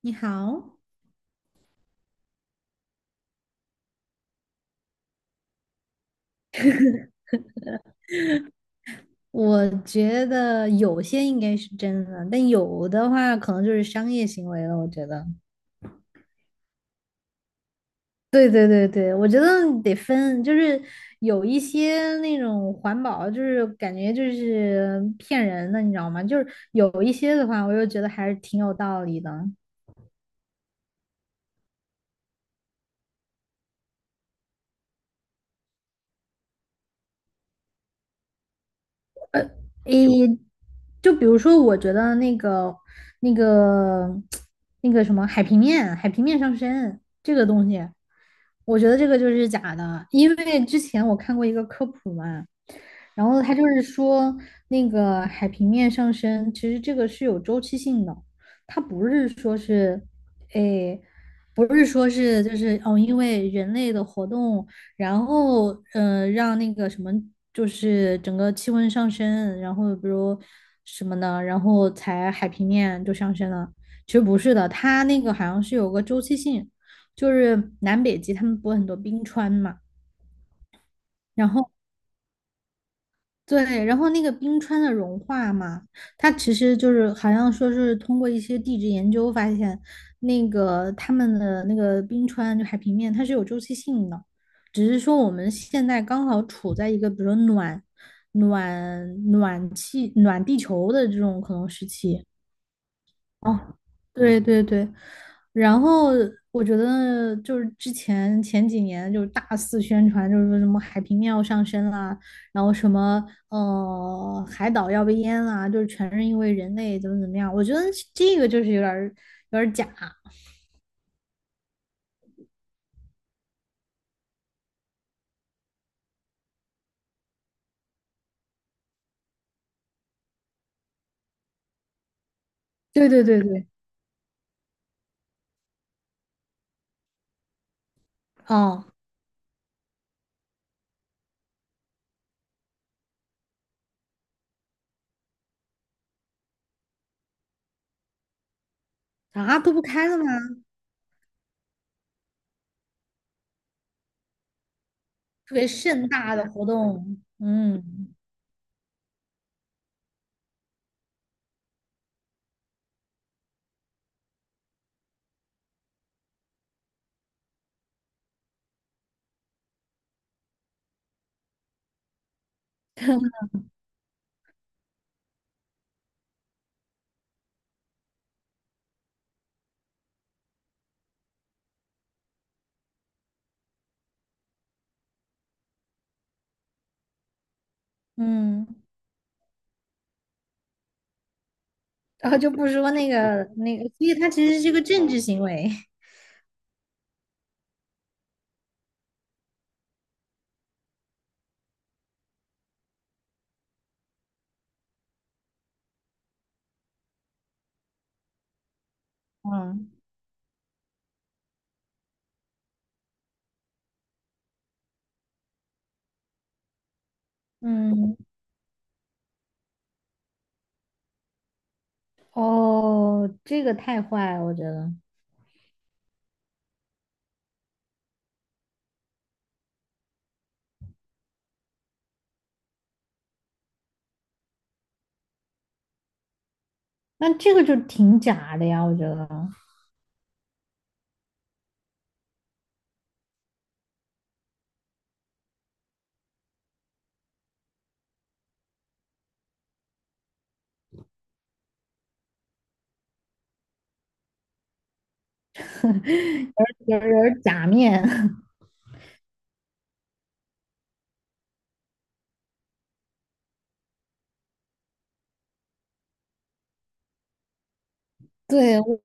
你好，我觉得有些应该是真的，但有的话可能就是商业行为了。我觉得，对对对对，我觉得得分，有一些那种环保，就是感觉就是骗人的，你知道吗？就是有一些的话，我又觉得还是挺有道理的。诶，就比如说，我觉得那个、那个什么海平面上升这个东西，我觉得这个就是假的，因为之前我看过一个科普嘛，然后他就是说那个海平面上升，其实这个是有周期性的，它不是说是，诶，不是说是就是哦，因为人类的活动。然后让那个什么，就是整个气温上升，然后比如什么的，然后才海平面就上升了。其实不是的，它那个好像是有个周期性，就是南北极他们不是很多冰川嘛，然后对，然后那个冰川的融化嘛，它其实就是好像说是通过一些地质研究发现，那个他们的那个冰川就海平面它是有周期性的，只是说我们现在刚好处在一个比如说暖暖地球的这种可能时期，哦，对对对，然后我觉得就是之前前几年就是大肆宣传，就是说什么海平面要上升啦，然后什么海岛要被淹啦，就是全是因为人类怎么怎么样，我觉得这个就是有点儿假。对对对对，哦，啊都不开了吗？特别盛大的活动，嗯嗯，然后就不说那个，所以它其实是个政治行为，嗯嗯。哦，这个太坏了，我觉得。那这个就挺假的呀，我觉得有点 假面。对，我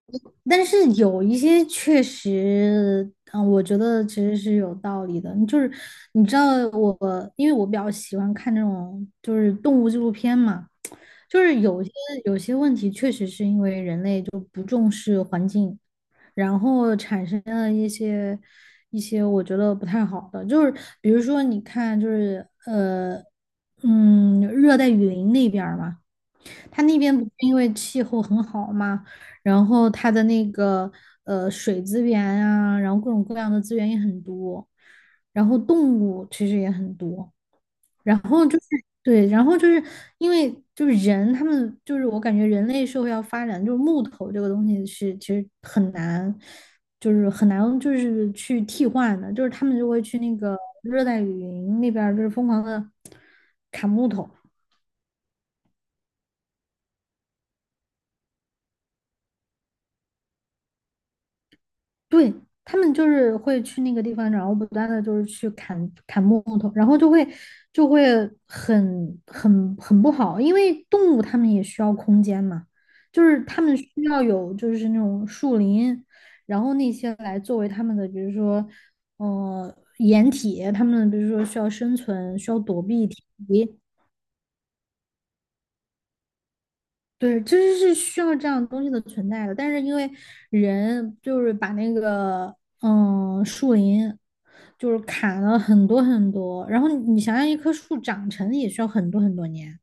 但是有一些确实，嗯，我觉得其实是有道理的。就是你知道我，因为我比较喜欢看这种就是动物纪录片嘛，就是有些问题确实是因为人类就不重视环境，然后产生了一些我觉得不太好的，就是比如说你看就是热带雨林那边儿嘛。它那边不是因为气候很好嘛，然后它的那个水资源啊，然后各种各样的资源也很多，然后动物其实也很多，然后就是对，然后就是因为就是人他们就是我感觉人类社会要发展，就是木头这个东西是其实很难，就是很难就是去替换的，就是他们就会去那个热带雨林那边儿就是疯狂的砍木头。对，他们就是会去那个地方，然后不断的就是去砍木头，然后就会很不好，因为动物它们也需要空间嘛，就是它们需要有就是那种树林，然后那些来作为它们的，比如说掩体，它们比如说需要生存，需要躲避天敌，对，其实是需要这样东西的存在的，但是因为人就是把那个树林就是砍了很多很多，然后你想让一棵树长成也需要很多很多年，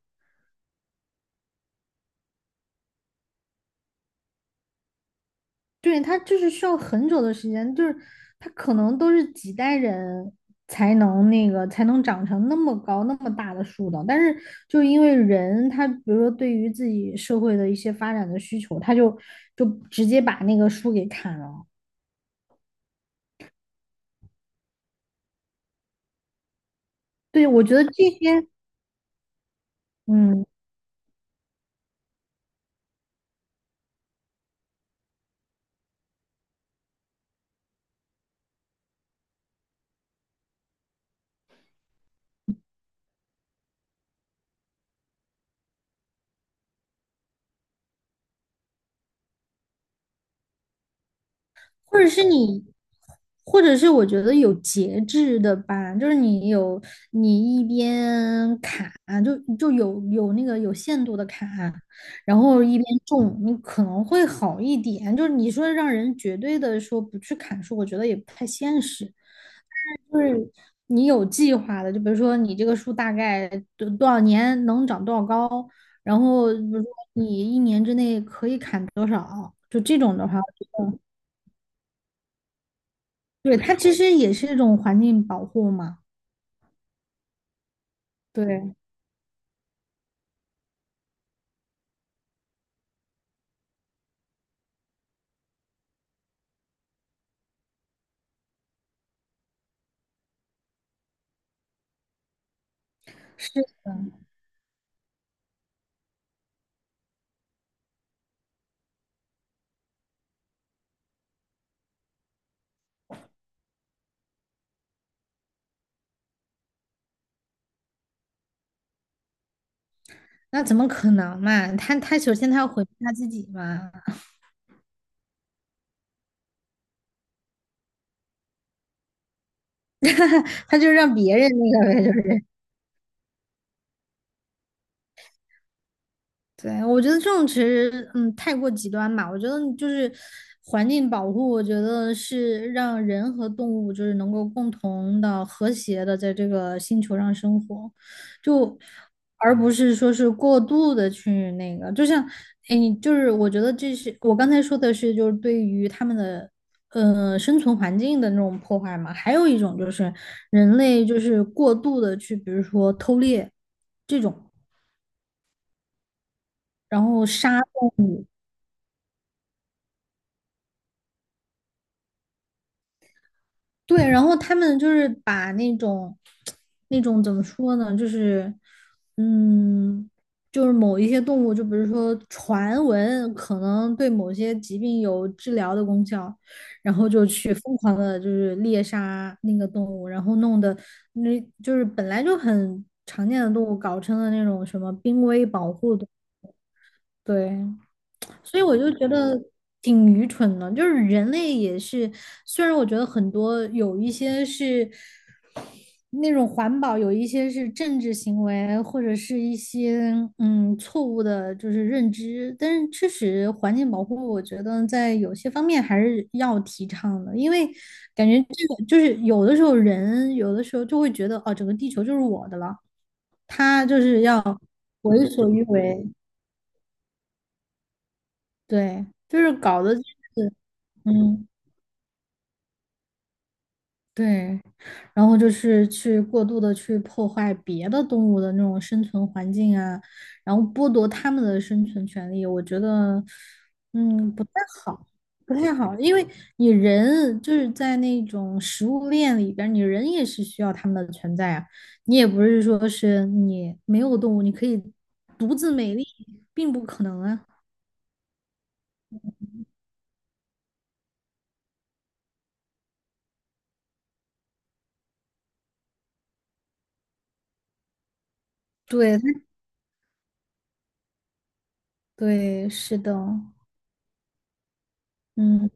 对，它就是需要很久的时间，就是它可能都是几代人才能那个才能长成那么高那么大的树的，但是就因为人他比如说对于自己社会的一些发展的需求，他就就直接把那个树给砍了。对，我觉得这些，嗯，或者是你，或者是我觉得有节制的吧，就是你有你一边砍，就就有有那个有限度的砍，然后一边种，你可能会好一点。就是你说让人绝对的说不去砍树，我觉得也不太现实。就是你有计划的，就比如说你这个树大概多少年能长多少高，然后比如说你一年之内可以砍多少，就这种的话，对，它其实也是一种环境保护嘛。对，是，那怎么可能嘛？他首先他要毁灭他自己嘛，他就让别人那个呗，对，我觉得这种其实，嗯，太过极端吧。我觉得就是环境保护，我觉得是让人和动物就是能够共同的、和谐的在这个星球上生活，就而不是说是过度的去那个。就像，哎，你就是我觉得这是我刚才说的是，就是对于他们的生存环境的那种破坏嘛。还有一种就是人类就是过度的去，比如说偷猎这种。然后杀对，然后他们就是把那种，那种怎么说呢，就是，嗯，就是某一些动物，就比如说传闻可能对某些疾病有治疗的功效，然后就去疯狂的，就是猎杀那个动物，然后弄得那就是本来就很常见的动物，搞成了那种什么濒危保护动物，对。所以我就觉得挺愚蠢的，就是人类也是，虽然我觉得很多有一些是那种环保有一些是政治行为，或者是一些错误的，就是认知。但是确实，环境保护我觉得在有些方面还是要提倡的，因为感觉这个就是有的时候人有的时候就会觉得哦，整个地球就是我的了，他就是要为所欲为，对，就是搞得嗯。对，然后就是去过度的去破坏别的动物的那种生存环境啊，然后剥夺它们的生存权利，我觉得，嗯，好，不太好，因为你人就是在那种食物链里边儿你人也是需要它们的存在啊，你也不是说是你没有动物，你可以独自美丽，并不可能啊。对，对，是的，嗯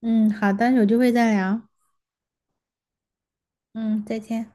嗯，好的，有机会再聊，嗯，再见。